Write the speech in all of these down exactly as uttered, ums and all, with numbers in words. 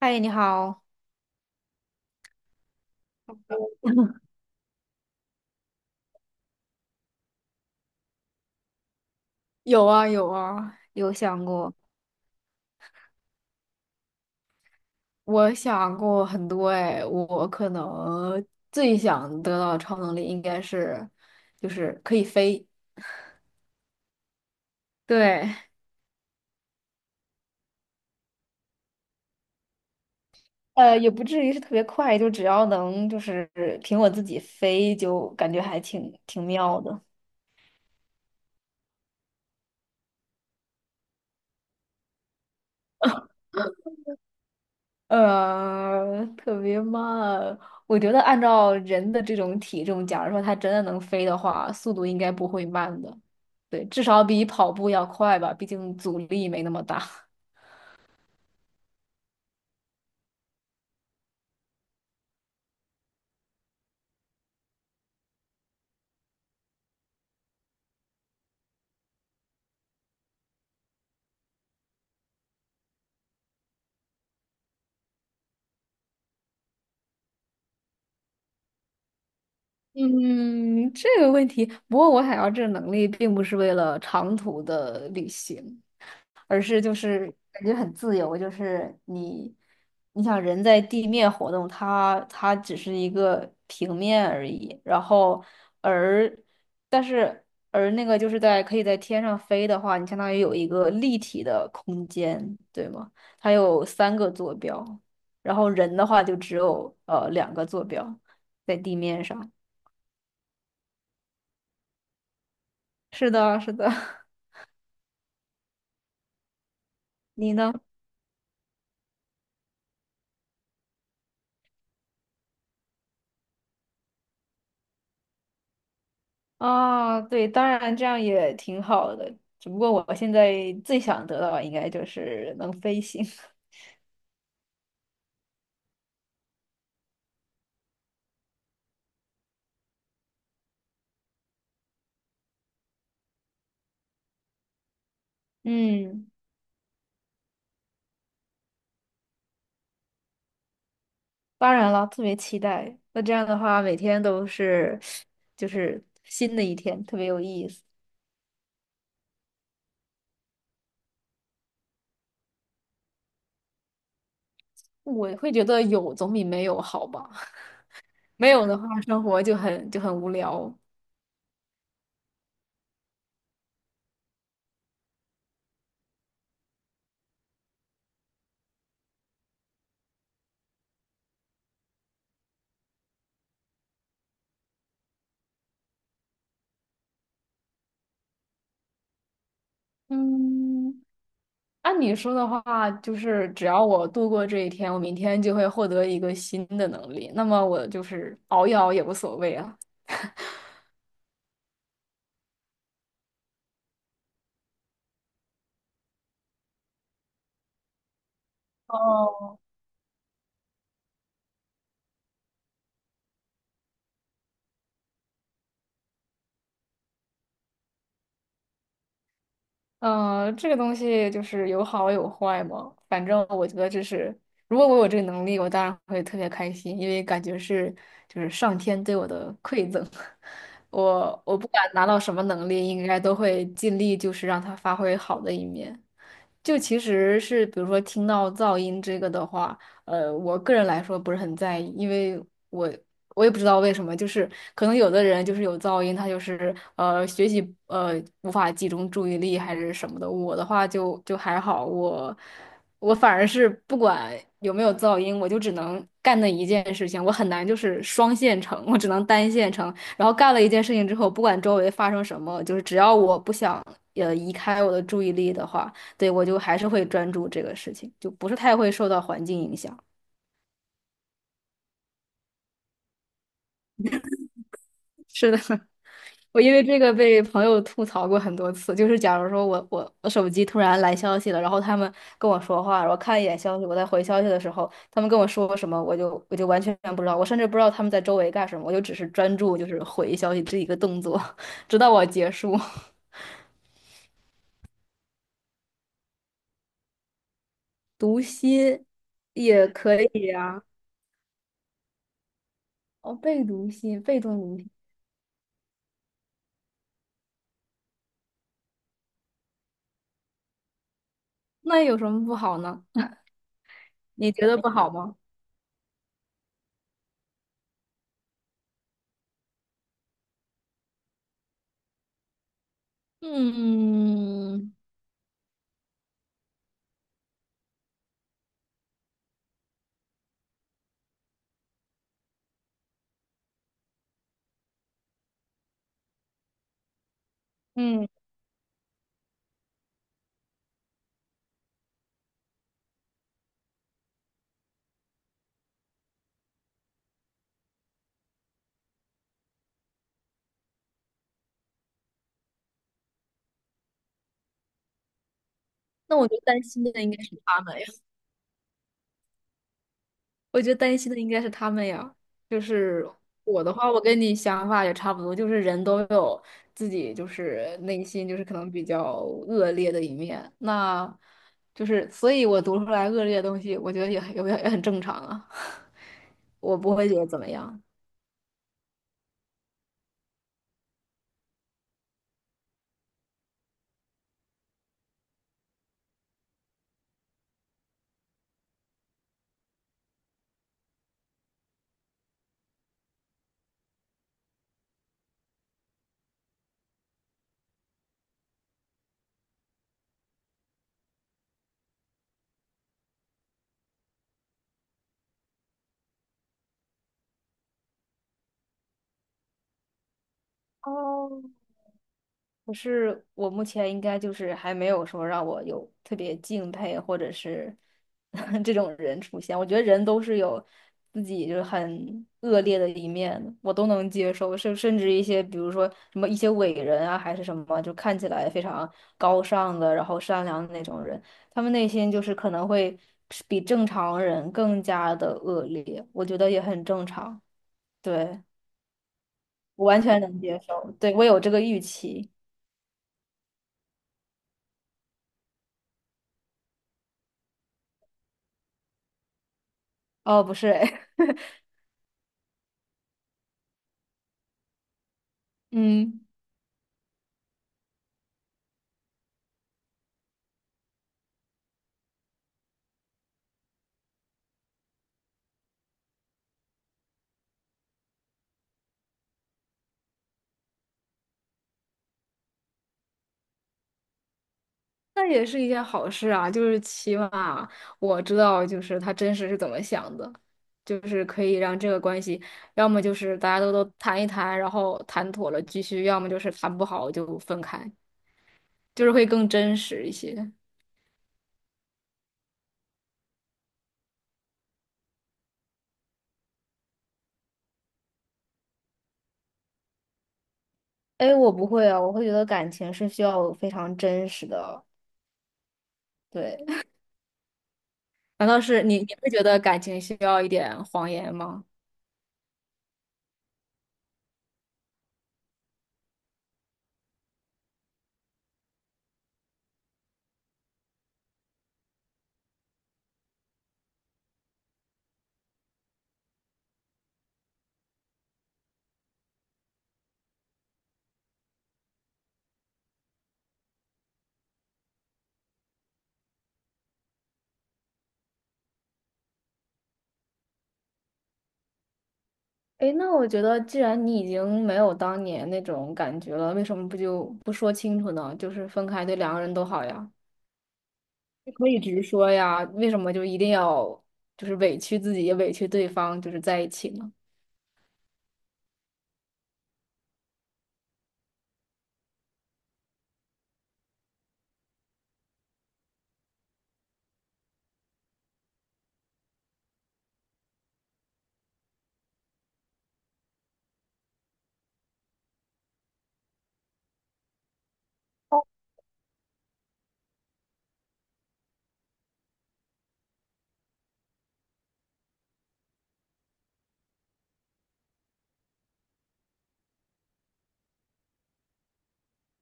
嗨，你好。有啊有啊，有想过？我想过很多哎，我可能最想得到的超能力应该是，就是可以飞。对，呃，也不至于是特别快，就只要能就是凭我自己飞，就感觉还挺挺妙的。呃，特别慢。我觉得按照人的这种体重，假如说它真的能飞的话，速度应该不会慢的。对，至少比跑步要快吧，毕竟阻力没那么大。嗯，这个问题，不过我想要这个能力，并不是为了长途的旅行。而是就是感觉很自由，就是你，你想人在地面活动，它它只是一个平面而已，然后而但是而那个就是在可以在天上飞的话，你相当于有一个立体的空间，对吗？它有三个坐标，然后人的话就只有呃两个坐标在地面上。是的，是的，你呢？啊，对，当然这样也挺好的，只不过我现在最想得到的应该就是能飞行。嗯，当然了，特别期待。那这样的话，每天都是就是新的一天，特别有意思。我会觉得有总比没有好吧，没有的话，生活就很就很无聊。嗯，按你说的话，就是只要我度过这一天，我明天就会获得一个新的能力，那么我就是熬一熬也无所谓啊。哦嗯，这个东西就是有好有坏嘛。反正我觉得这是，如果我有这个能力，我当然会特别开心，因为感觉是就是上天对我的馈赠。我我不管拿到什么能力，应该都会尽力就是让它发挥好的一面。就其实是，比如说听到噪音这个的话，呃，我个人来说不是很在意，因为我我也不知道为什么，就是可能有的人就是有噪音，他就是呃学习呃无法集中注意力还是什么的。我的话就就还好，我我反而是不管有没有噪音，我就只能干那一件事情，我很难就是双线程，我只能单线程。然后干了一件事情之后，不管周围发生什么，就是只要我不想呃移开我的注意力的话。对，我就还是会专注这个事情，就不是太会受到环境影响。是的，我因为这个被朋友吐槽过很多次，就是假如说我我我手机突然来消息了，然后他们跟我说话，然后看一眼消息，我在回消息的时候，他们跟我说什么，我就我就完全不知道，我甚至不知道他们在周围干什么，我就只是专注就是回消息这一个动作，直到我结束。读心也可以啊。哦，被读心，被动读心，那有什么不好呢？你觉得不好吗？嗯，嗯，那我觉得担心的应该是他们呀，我觉得担心的应该是他们呀。就是我的话，我跟你想法也差不多，就是人都有自己就是内心就是可能比较恶劣的一面，那就是所以我读出来恶劣的东西，我觉得也很也很也很正常啊，我不会觉得怎么样。哦，可是我目前应该就是还没有说让我有特别敬佩或者是 这种人出现。我觉得人都是有自己就是很恶劣的一面的，我都能接受，甚甚至一些比如说什么一些伟人啊，还是什么，就看起来非常高尚的，然后善良的那种人，他们内心就是可能会比正常人更加的恶劣，我觉得也很正常。对，我完全能接受，对，我有这个预期。哦，不是，嗯，那也是一件好事啊，就是起码我知道，就是他真实是怎么想的，就是可以让这个关系，要么就是大家都都谈一谈，然后谈妥了继续，要么就是谈不好就分开，就是会更真实一些。哎，我不会啊，我会觉得感情是需要非常真实的。对，难道是你你会觉得感情需要一点谎言吗？哎，那我觉得，既然你已经没有当年那种感觉了，为什么不就不说清楚呢？就是分开对两个人都好呀，就可以直说呀，为什么就一定要就是委屈自己也委屈对方，就是在一起呢？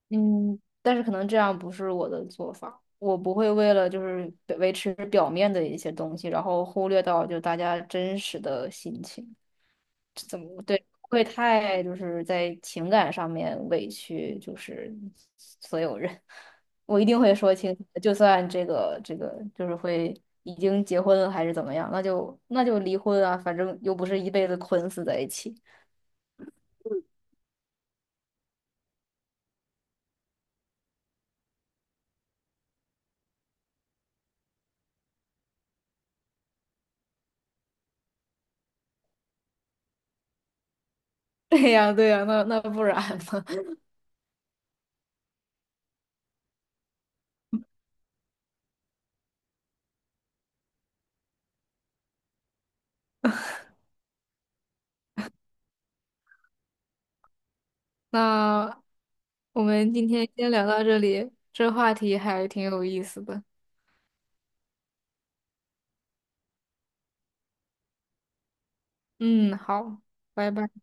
嗯，但是可能这样不是我的做法，我不会为了就是维持表面的一些东西，然后忽略到就大家真实的心情。怎么对，不会太就是在情感上面委屈，就是所有人，我一定会说清楚的就算这个这个就是会已经结婚了还是怎么样，那就那就离婚啊，反正又不是一辈子捆死在一起。对呀，对呀，那那不然呢？那我们今天先聊到这里，这话题还挺有意思的。嗯，好，拜拜。